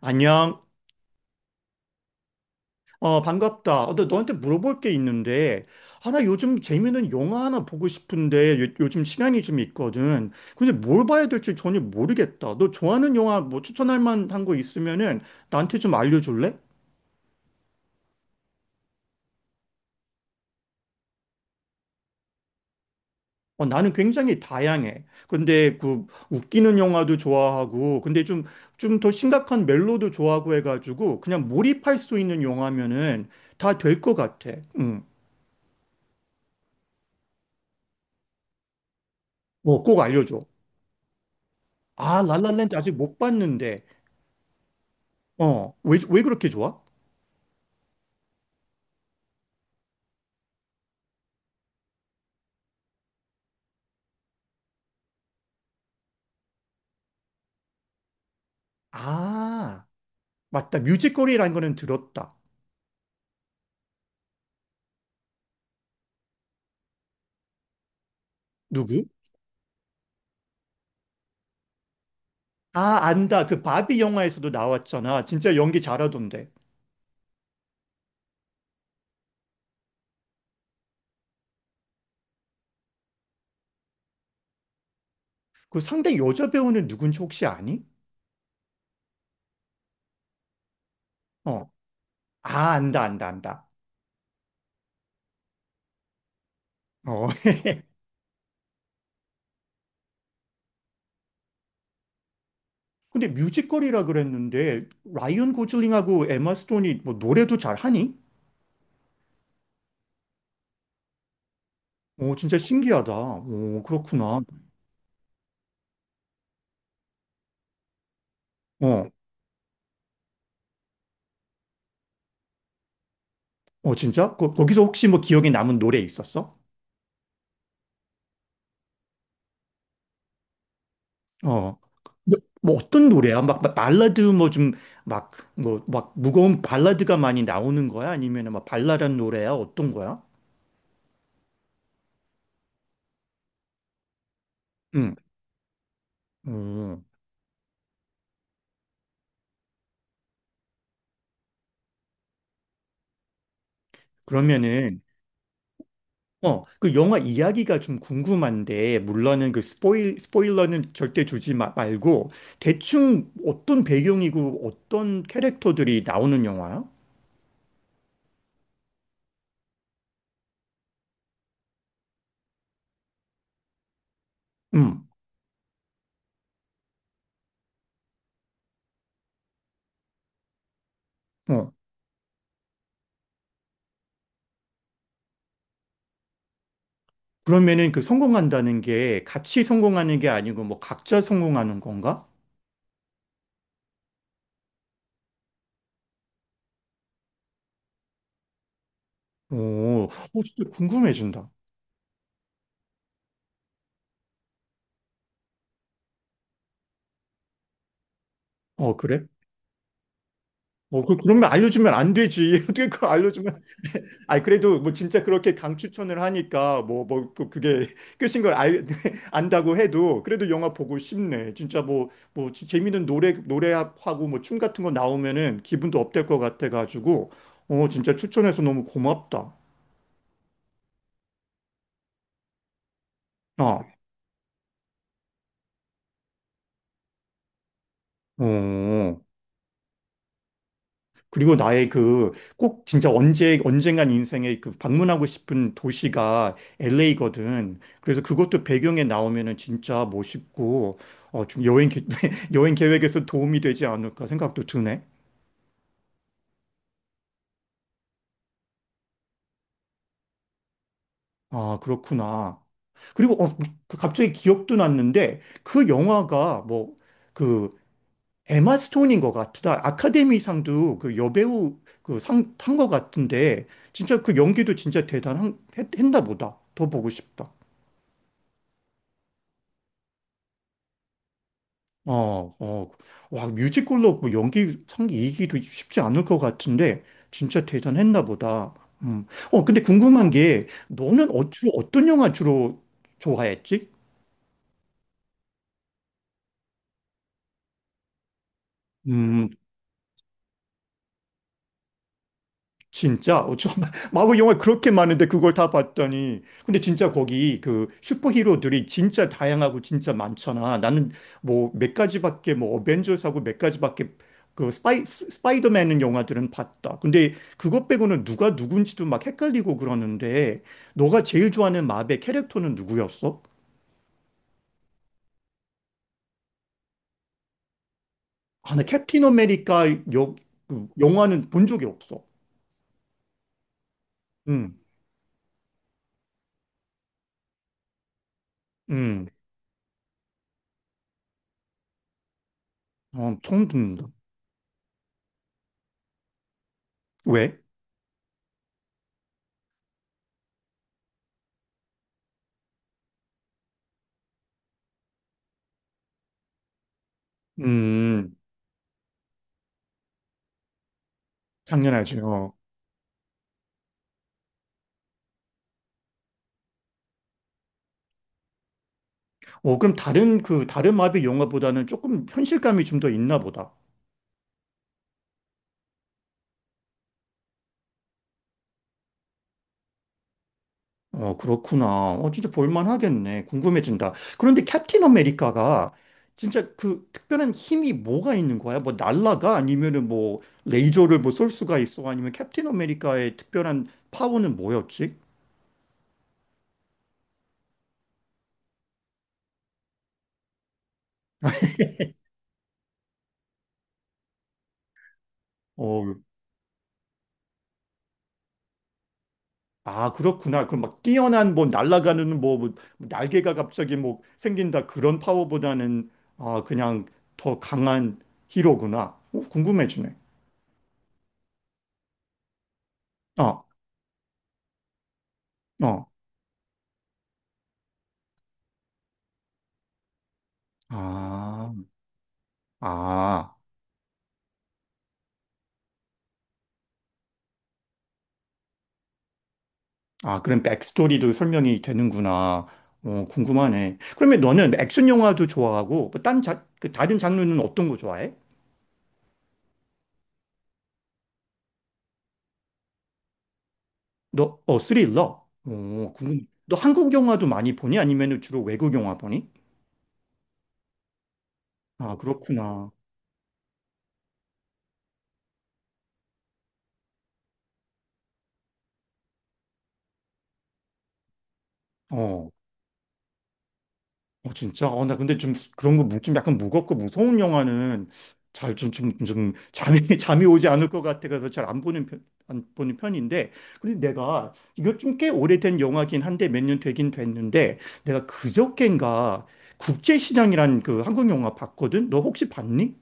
안녕. 어, 반갑다. 어, 나 너한테 물어볼 게 있는데, 아, 나 요즘 재밌는 영화 하나 보고 싶은데, 요, 즘 시간이 좀 있거든. 근데 뭘 봐야 될지 전혀 모르겠다. 너 좋아하는 영화 뭐 추천할 만한 거 있으면은 나한테 좀 알려줄래? 어, 나는 굉장히 다양해. 근데 그 웃기는 영화도 좋아하고, 근데 좀, 좀 더 심각한 멜로도 좋아하고 해가지고, 그냥 몰입할 수 있는 영화면은 다 될 것 같아. 응. 뭐 꼭 알려줘. 아, 랄랄랜드 아직 못 봤는데. 어, 왜 그렇게 좋아? 아, 맞다. 뮤지컬이라는 거는 들었다. 누구? 아, 안다. 그 바비 영화에서도 나왔잖아. 진짜 연기 잘하던데. 그 상대 여자 배우는 누군지 혹시 아니? 어, 아, 안다, 안다, 안다. 어. 근데 뮤지컬이라 그랬는데, 라이언 고슬링하고 에마 스톤이 뭐 노래도 잘하니? 오, 진짜 신기하다. 오, 그렇구나. 어, 어, 진짜? 거기서 혹시 뭐 기억에 남은 노래 있었어? 어. 근데 뭐 어떤 노래야? 막 발라드 뭐 좀 막 뭐 막 무거운 발라드가 많이 나오는 거야? 아니면 막 발랄한 노래야? 어떤 거야? 응. 어. 그러면은 어, 그 영화 이야기가 좀 궁금한데 물론은 그 스포일러는 절대 주지 마, 말고 대충 어떤 배경이고 어떤 캐릭터들이 나오는 영화야? 음. 어. 그러면은 그 성공한다는 게 같이 성공하는 게 아니고 뭐 각자 성공하는 건가? 오, 어, 진짜 궁금해진다. 어, 그래? 어, 그, 그러면 알려주면 안 되지. 어떻게 그걸 알려주면. 아니, 그래도 뭐 진짜 그렇게 강추천을 하니까 또 그게 끝인 걸 알, 안다고 해도 그래도 영화 보고 싶네. 진짜 뭐 재밌는 노래하고 뭐 춤 같은 거 나오면은 기분도 업될 것 같아가지고, 어, 진짜 추천해서 너무 고맙다. 아, 어. 그리고 나의 그 꼭 진짜 언제 언젠간 인생에 그 방문하고 싶은 도시가 LA거든. 그래서 그것도 배경에 나오면은 진짜 멋있고 어좀 여행 계획에서 도움이 되지 않을까 생각도 드네. 아, 그렇구나. 그리고 어, 뭐, 그 갑자기 기억도 났는데 그 영화가 뭐 그 에마 스톤인 것 같다. 아카데미상도 그 여배우 그 상 탄 것 같은데 진짜 그 연기도 진짜 대단한 했나 보다. 더 보고 싶다. 어, 어, 와, 뮤지컬로 뭐 연기상 이기도 쉽지 않을 것 같은데, 진짜 대단했나 보다. 음. 어, 근데 궁금한 게, 너는 어, 주로 어떤 영화 주로 좋아했지? 음, 진짜? 어, 저 마블 영화 그렇게 많은데 그걸 다 봤더니. 근데 진짜 거기 그 슈퍼히로들이 진짜 다양하고 진짜 많잖아. 나는 뭐 몇 가지밖에 뭐 어벤져스하고 몇 가지밖에 그 스파이더맨 영화들은 봤다. 근데 그것 빼고는 누가 누군지도 막 헷갈리고 그러는데 너가 제일 좋아하는 마블 캐릭터는 누구였어? 아, 나 캡틴 아메리카 여, 그 영화는 본 적이 없어. 응, 응. 어, 처음 듣는다. 왜? 음, 당연하죠. 어, 그럼 다른 그 다른 마비 영화보다는 조금 현실감이 좀 더 있나 보다. 어, 그렇구나. 어, 진짜 볼만하겠네. 궁금해진다. 그런데 캡틴 아메리카가 진짜 그 특별한 힘이 뭐가 있는 거야? 뭐 날라가? 아니면은 뭐 레이저를 뭐 쏠 수가 있어? 아니면 캡틴 아메리카의 특별한 파워는 뭐였지? 어, 아, 그렇구나. 그럼 막 뛰어난 뭐 날아가는 뭐 날개가 갑자기 뭐 생긴다 그런 파워보다는 아, 그냥 더 강한 히로구나. 어, 궁금해지네. 어, 어, 아, 아, 아, 그럼 백스토리도 설명이 되는구나. 어, 궁금하네. 그러면 너는 액션 영화도 좋아하고, 뭐 딴, 자, 그 다른 장르는 어떤 거 좋아해? 너, 어, 스릴러? 어, 궁금해. 너 한국 영화도 많이 보니? 아니면 주로 외국 영화 보니? 아, 그렇구나. 어, 어, 진짜? 어, 나 근데 좀 그런 거 좀 약간 무겁고 무서운 영화는 잘 좀 잠이, 잠이 오지 않을 것 같아서 잘 안 보는 편, 안 보는 편인데. 근데 내가 이거 좀 꽤 오래된 영화긴 한데 몇 년 되긴 됐는데 내가 그저껜가 국제시장이란 그 한국 영화 봤거든? 너 혹시 봤니?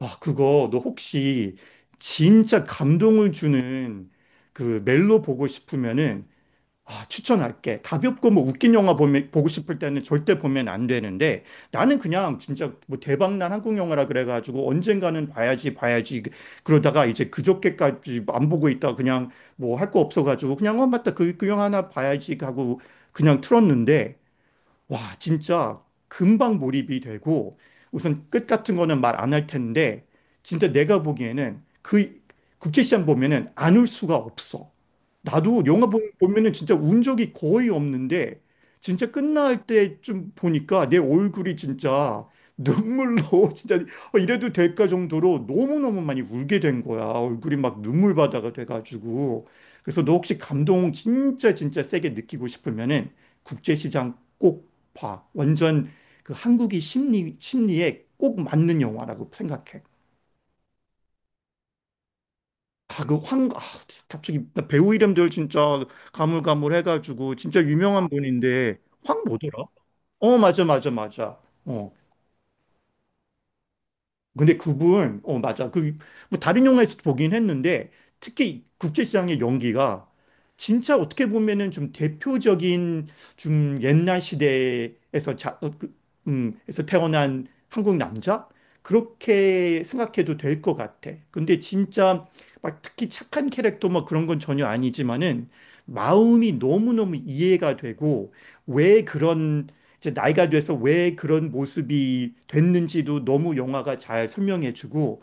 와, 그거 너 혹시 진짜 감동을 주는 그 멜로 보고 싶으면은 아, 추천할게. 가볍고 뭐 웃긴 영화 보면, 보고 싶을 때는 절대 보면 안 되는데 나는 그냥 진짜 뭐 대박난 한국 영화라 그래가지고 언젠가는 봐야지 봐야지 그러다가 이제 그저께까지 안 보고 있다 그냥 뭐 할 거 없어가지고 그냥 어 맞다 그 영화 하나 봐야지 하고 그냥 틀었는데 와, 진짜 금방 몰입이 되고 우선 끝 같은 거는 말 안 할 텐데 진짜 내가 보기에는 그 국제시장 보면은 안 울 수가 없어. 나도 영화 보면은 진짜 운 적이 거의 없는데 진짜 끝날 때 좀 보니까 내 얼굴이 진짜 눈물로 진짜 어, 이래도 될까 정도로 너무너무 많이 울게 된 거야. 얼굴이 막 눈물바다가 돼가지고. 그래서 너 혹시 감동 진짜 진짜 세게 느끼고 싶으면은 국제시장 꼭 봐. 완전 그 한국이 심리에 꼭 맞는 영화라고 생각해. 아, 그 황, 아, 갑자기 나 배우 이름들 진짜 가물가물해가지고 진짜 유명한 분인데 황 뭐더라? 어, 맞아, 맞아, 맞아. 어. 근데 그분, 어, 맞아. 그, 뭐, 다른 영화에서도 보긴 했는데, 특히 국제시장의 연기가 진짜 어떻게 보면은 좀 대표적인 좀 옛날 시대에서 자, 어, 그, 에서 태어난 한국 남자? 그렇게 생각해도 될 것 같아. 근데 진짜 막 특히 착한 캐릭터 뭐 그런 건 전혀 아니지만은 마음이 너무너무 이해가 되고 왜 그런 이제 나이가 돼서 왜 그런 모습이 됐는지도 너무 영화가 잘 설명해주고,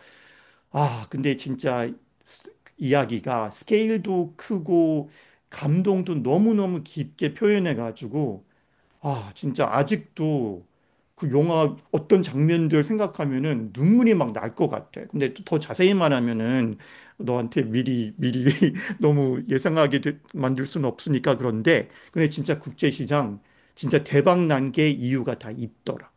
아, 근데 진짜 스- 이야기가 스케일도 크고, 감동도 너무너무 깊게 표현해가지고, 아, 진짜 아직도 그 영화 어떤 장면들 생각하면은 눈물이 막 날 것 같아. 근데 또더 자세히 말하면은 너한테 미리 미리 너무 예상하게 만들 수는 없으니까 그런데 근데 진짜 국제시장 진짜 대박 난 게 이유가 다 있더라.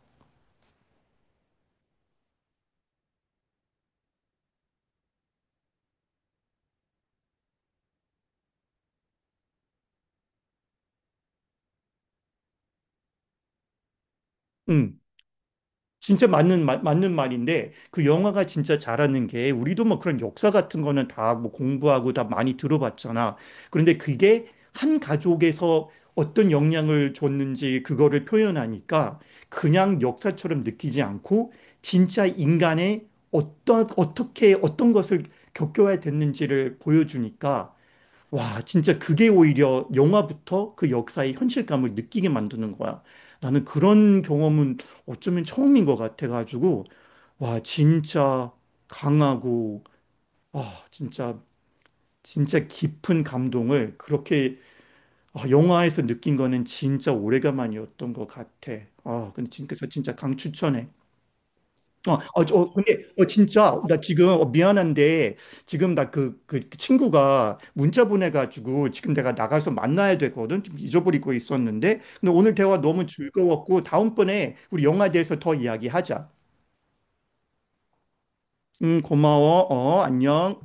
응. 진짜 맞는 말인데 그 영화가 진짜 잘하는 게 우리도 뭐 그런 역사 같은 거는 다 뭐 공부하고 다 많이 들어봤잖아. 그런데 그게 한 가족에서 어떤 영향을 줬는지 그거를 표현하니까 그냥 역사처럼 느끼지 않고 진짜 인간의 어떤, 어떻게, 어떤 것을 겪어야 됐는지를 보여주니까 와, 진짜 그게 오히려 영화부터 그 역사의 현실감을 느끼게 만드는 거야. 나는 그런 경험은 어쩌면 처음인 것 같아가지고, 와, 진짜 강하고, 아, 진짜, 진짜 깊은 감동을 그렇게 아, 영화에서 느낀 거는 진짜 오래간만이었던 것 같아. 아, 근데 진짜, 저 진짜 강추천해. 어, 어, 저, 어, 근데, 어, 진짜, 나 지금, 어, 미안한데, 지금 나 그 친구가 문자 보내가지고, 지금 내가 나가서 만나야 되거든? 좀 잊어버리고 있었는데, 근데 오늘 대화 너무 즐거웠고, 다음번에 우리 영화에 대해서 더 이야기하자. 고마워. 어, 안녕.